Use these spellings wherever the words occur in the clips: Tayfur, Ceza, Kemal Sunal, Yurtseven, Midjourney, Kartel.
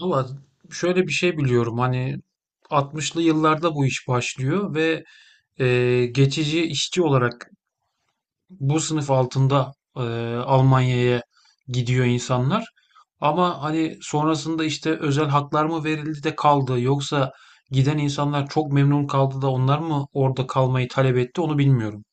Valla şöyle bir şey biliyorum hani 60'lı yıllarda bu iş başlıyor ve geçici işçi olarak bu sınıf altında Almanya'ya gidiyor insanlar. Ama hani sonrasında işte özel haklar mı verildi de kaldı yoksa giden insanlar çok memnun kaldı da onlar mı orada kalmayı talep etti onu bilmiyorum.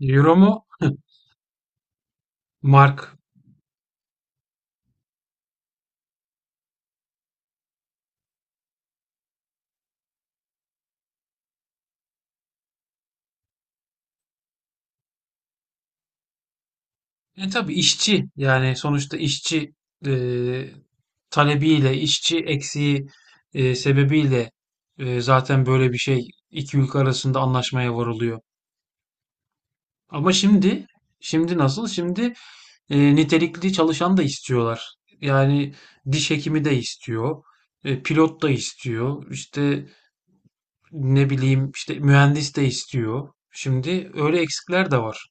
Euro mu? Mark. E tabii işçi yani sonuçta işçi e, talebiyle, işçi eksiği sebebiyle zaten böyle bir şey iki ülke arasında anlaşmaya varılıyor. Ama şimdi, şimdi nasıl? Şimdi nitelikli çalışan da istiyorlar. Yani diş hekimi de istiyor, pilot da istiyor, işte ne bileyim işte mühendis de istiyor. Şimdi öyle eksikler de var.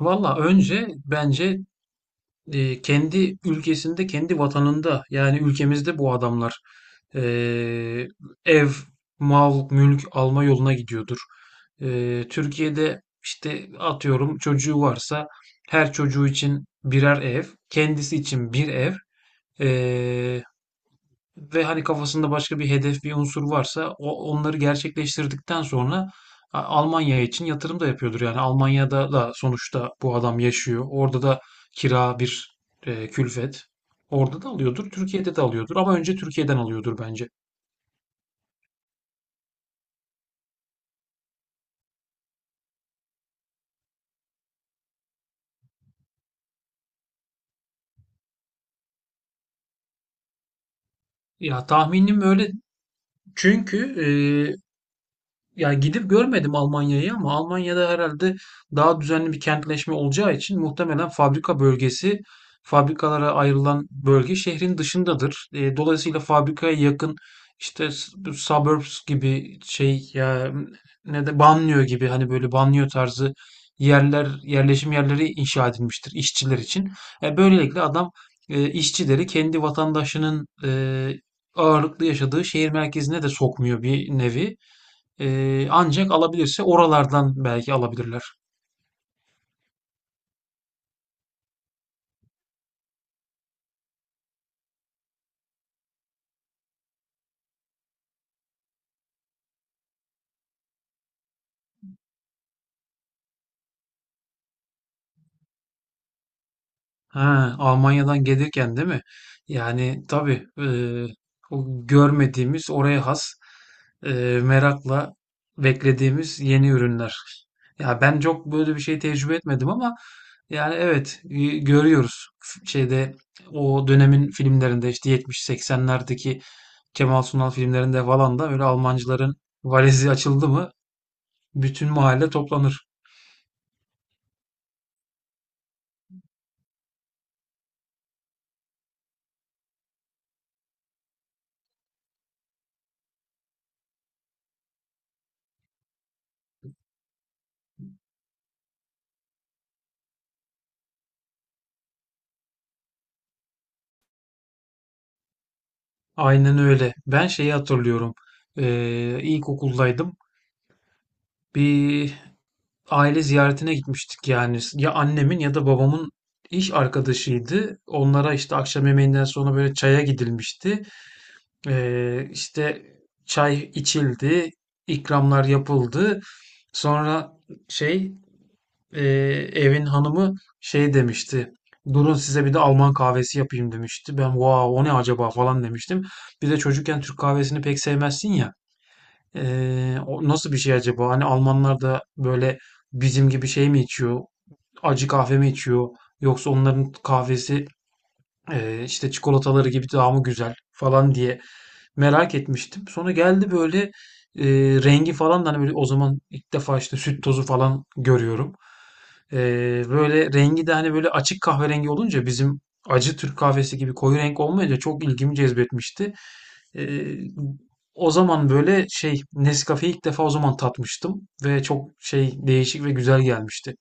Valla önce bence kendi ülkesinde, kendi vatanında yani ülkemizde bu adamlar e, ev, mal, mülk alma yoluna gidiyordur. Türkiye'de işte atıyorum çocuğu varsa her çocuğu için birer ev, kendisi için bir ev. E, Ve hani kafasında başka bir hedef, bir unsur varsa onları gerçekleştirdikten sonra Almanya için yatırım da yapıyordur. Yani Almanya'da da sonuçta bu adam yaşıyor. Orada da kira bir külfet. Orada da alıyordur, Türkiye'de de alıyordur ama önce Türkiye'den alıyordur bence. Ya tahminim öyle çünkü e, ya gidip görmedim Almanya'yı ama Almanya'da herhalde daha düzenli bir kentleşme olacağı için muhtemelen fabrika bölgesi, fabrikalara ayrılan bölge şehrin dışındadır. Dolayısıyla fabrikaya yakın işte bu suburbs gibi şey ya ne de banliyö gibi hani böyle banliyö tarzı yerler, yerleşim yerleri inşa edilmiştir işçiler için. Böylelikle adam işçileri kendi vatandaşının ağırlıklı yaşadığı şehir merkezine de sokmuyor bir nevi. Ancak alabilirse oralardan belki alabilirler. Ha, Almanya'dan gelirken değil mi? Yani tabii o görmediğimiz oraya has merakla beklediğimiz yeni ürünler. Ya ben çok böyle bir şey tecrübe etmedim ama yani evet görüyoruz şeyde o dönemin filmlerinde işte 70-80'lerdeki Kemal Sunal filmlerinde falan da böyle Almancıların valizi açıldı mı bütün mahalle toplanır. Aynen öyle. Ben şeyi hatırlıyorum. İlkokuldaydım. Bir aile ziyaretine gitmiştik yani. Ya annemin ya da babamın iş arkadaşıydı. Onlara işte akşam yemeğinden sonra böyle çaya gidilmişti. İşte çay içildi, ikramlar yapıldı. Sonra şey. Ee, Evin hanımı şey demişti. Durun size bir de Alman kahvesi yapayım demişti. Ben wow, o ne acaba falan demiştim. Bir de çocukken Türk kahvesini pek sevmezsin ya. O nasıl bir şey acaba? Hani Almanlar da böyle bizim gibi şey mi içiyor? Acı kahve mi içiyor? Yoksa onların kahvesi işte çikolataları gibi daha mı güzel falan diye merak etmiştim. Sonra geldi böyle e, rengi falan da hani böyle o zaman ilk defa işte süt tozu falan görüyorum. Böyle rengi de hani böyle açık kahverengi olunca bizim acı Türk kahvesi gibi koyu renk olmayınca çok ilgimi cezbetmişti. Ee, O zaman böyle şey Nescafe'yi ilk defa o zaman tatmıştım ve çok şey değişik ve güzel gelmişti.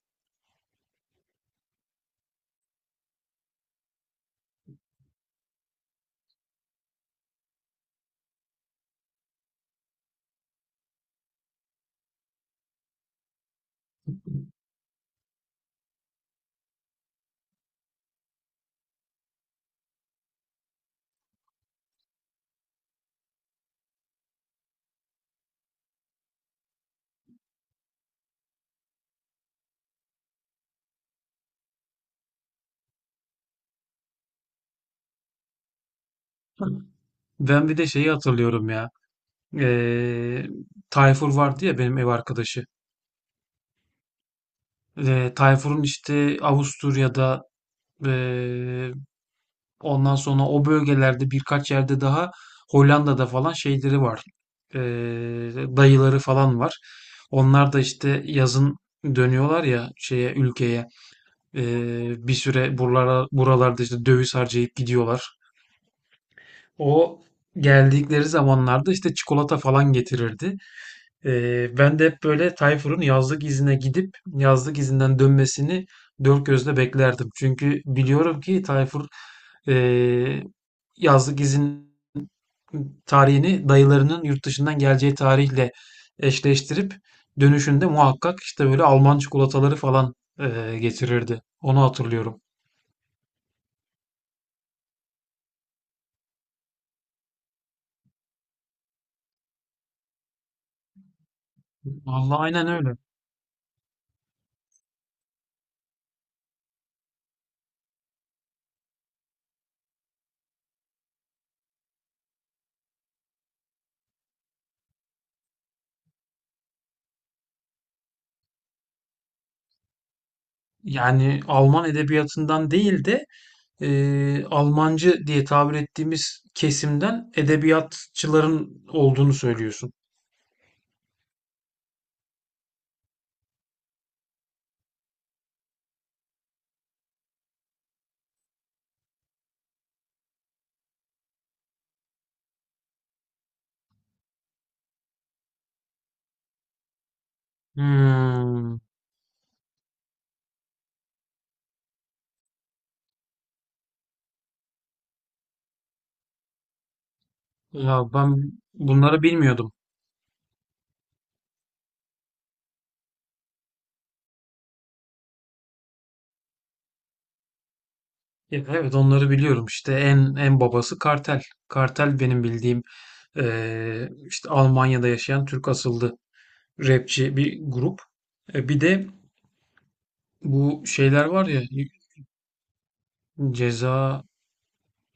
Ben bir de şeyi hatırlıyorum ya. Ee, Tayfur vardı ya benim ev arkadaşı. Tayfur'un işte Avusturya'da, ee, ondan sonra o bölgelerde birkaç yerde daha Hollanda'da falan şeyleri var. Ee, Dayıları falan var. Onlar da işte yazın dönüyorlar ya şeye ülkeye. Bir süre buralarda işte döviz harcayıp gidiyorlar. O geldikleri zamanlarda işte çikolata falan getirirdi. Ben de hep böyle Tayfur'un yazlık izine gidip yazlık izinden dönmesini dört gözle beklerdim. Çünkü biliyorum ki Tayfur ee, yazlık izin tarihini dayılarının yurt dışından geleceği tarihle eşleştirip dönüşünde muhakkak işte böyle Alman çikolataları falan getirirdi. Onu hatırlıyorum. Vallahi aynen öyle. Yani Alman edebiyatından değil de Almancı diye tabir ettiğimiz kesimden edebiyatçıların olduğunu söylüyorsun. Hmm. Ya ben bunları bilmiyordum. Ya evet, onları biliyorum. İşte en babası Kartel. Kartel benim bildiğim işte Almanya'da yaşayan Türk asıllı rapçi bir grup. Bir de bu şeyler var ya, Ceza.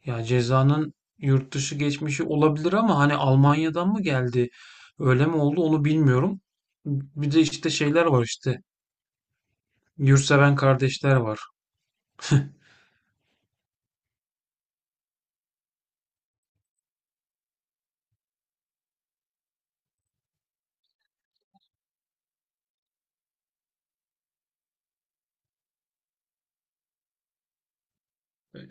Ya cezanın yurt dışı geçmişi olabilir ama hani Almanya'dan mı geldi? Öyle mi oldu onu bilmiyorum. Bir de işte şeyler var işte. Yurtseven kardeşler var.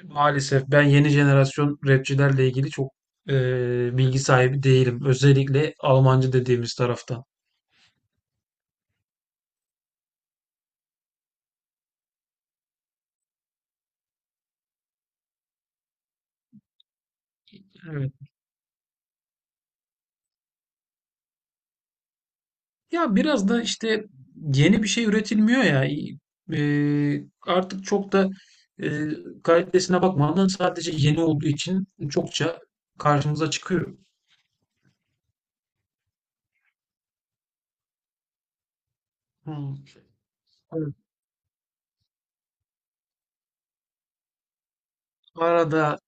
Maalesef ben yeni jenerasyon rapçilerle ilgili çok bilgi sahibi değilim. Özellikle Almancı dediğimiz taraftan. Evet. Ya biraz da işte yeni bir şey üretilmiyor ya. Artık çok da eee, kalitesine bakmadan sadece yeni olduğu için çokça karşımıza çıkıyor. Hmm. Evet. Arada.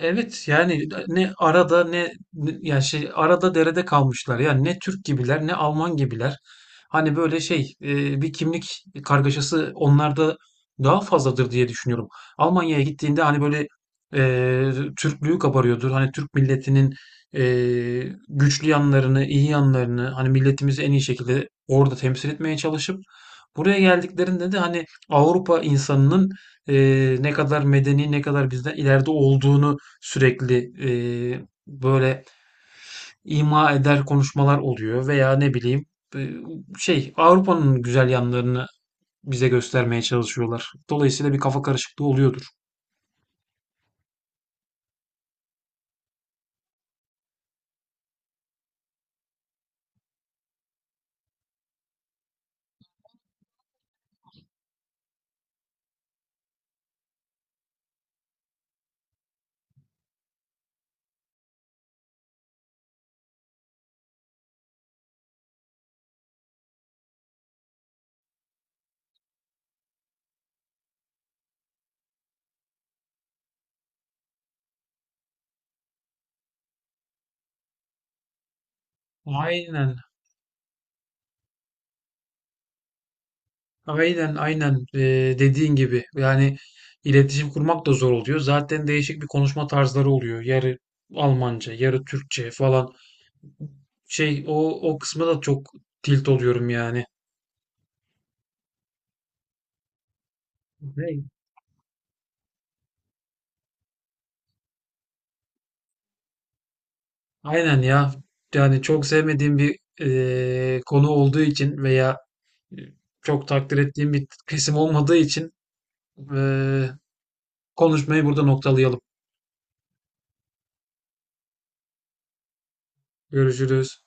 Evet yani ne arada yani şey arada derede kalmışlar. Yani ne Türk gibiler ne Alman gibiler. Hani böyle şey bir kimlik kargaşası onlarda daha fazladır diye düşünüyorum. Almanya'ya gittiğinde hani böyle e, Türklüğü kabarıyordur. Hani Türk milletinin e, güçlü yanlarını, iyi yanlarını hani milletimizi en iyi şekilde orada temsil etmeye çalışıp buraya geldiklerinde de hani Avrupa insanının ne kadar medeni, ne kadar bizden ileride olduğunu sürekli böyle ima eder konuşmalar oluyor veya ne bileyim e, şey Avrupa'nın güzel yanlarını bize göstermeye çalışıyorlar. Dolayısıyla bir kafa karışıklığı oluyordur. Aynen, aynen, aynen. Dediğin gibi yani iletişim kurmak da zor oluyor. Zaten değişik bir konuşma tarzları oluyor. Yarı Almanca, yarı Türkçe falan. Şey, o kısma da çok tilt oluyorum yani. Ne? Aynen ya. Yani çok sevmediğim bir konu olduğu için veya çok takdir ettiğim bir kesim olmadığı için eee, konuşmayı burada noktalayalım. Görüşürüz.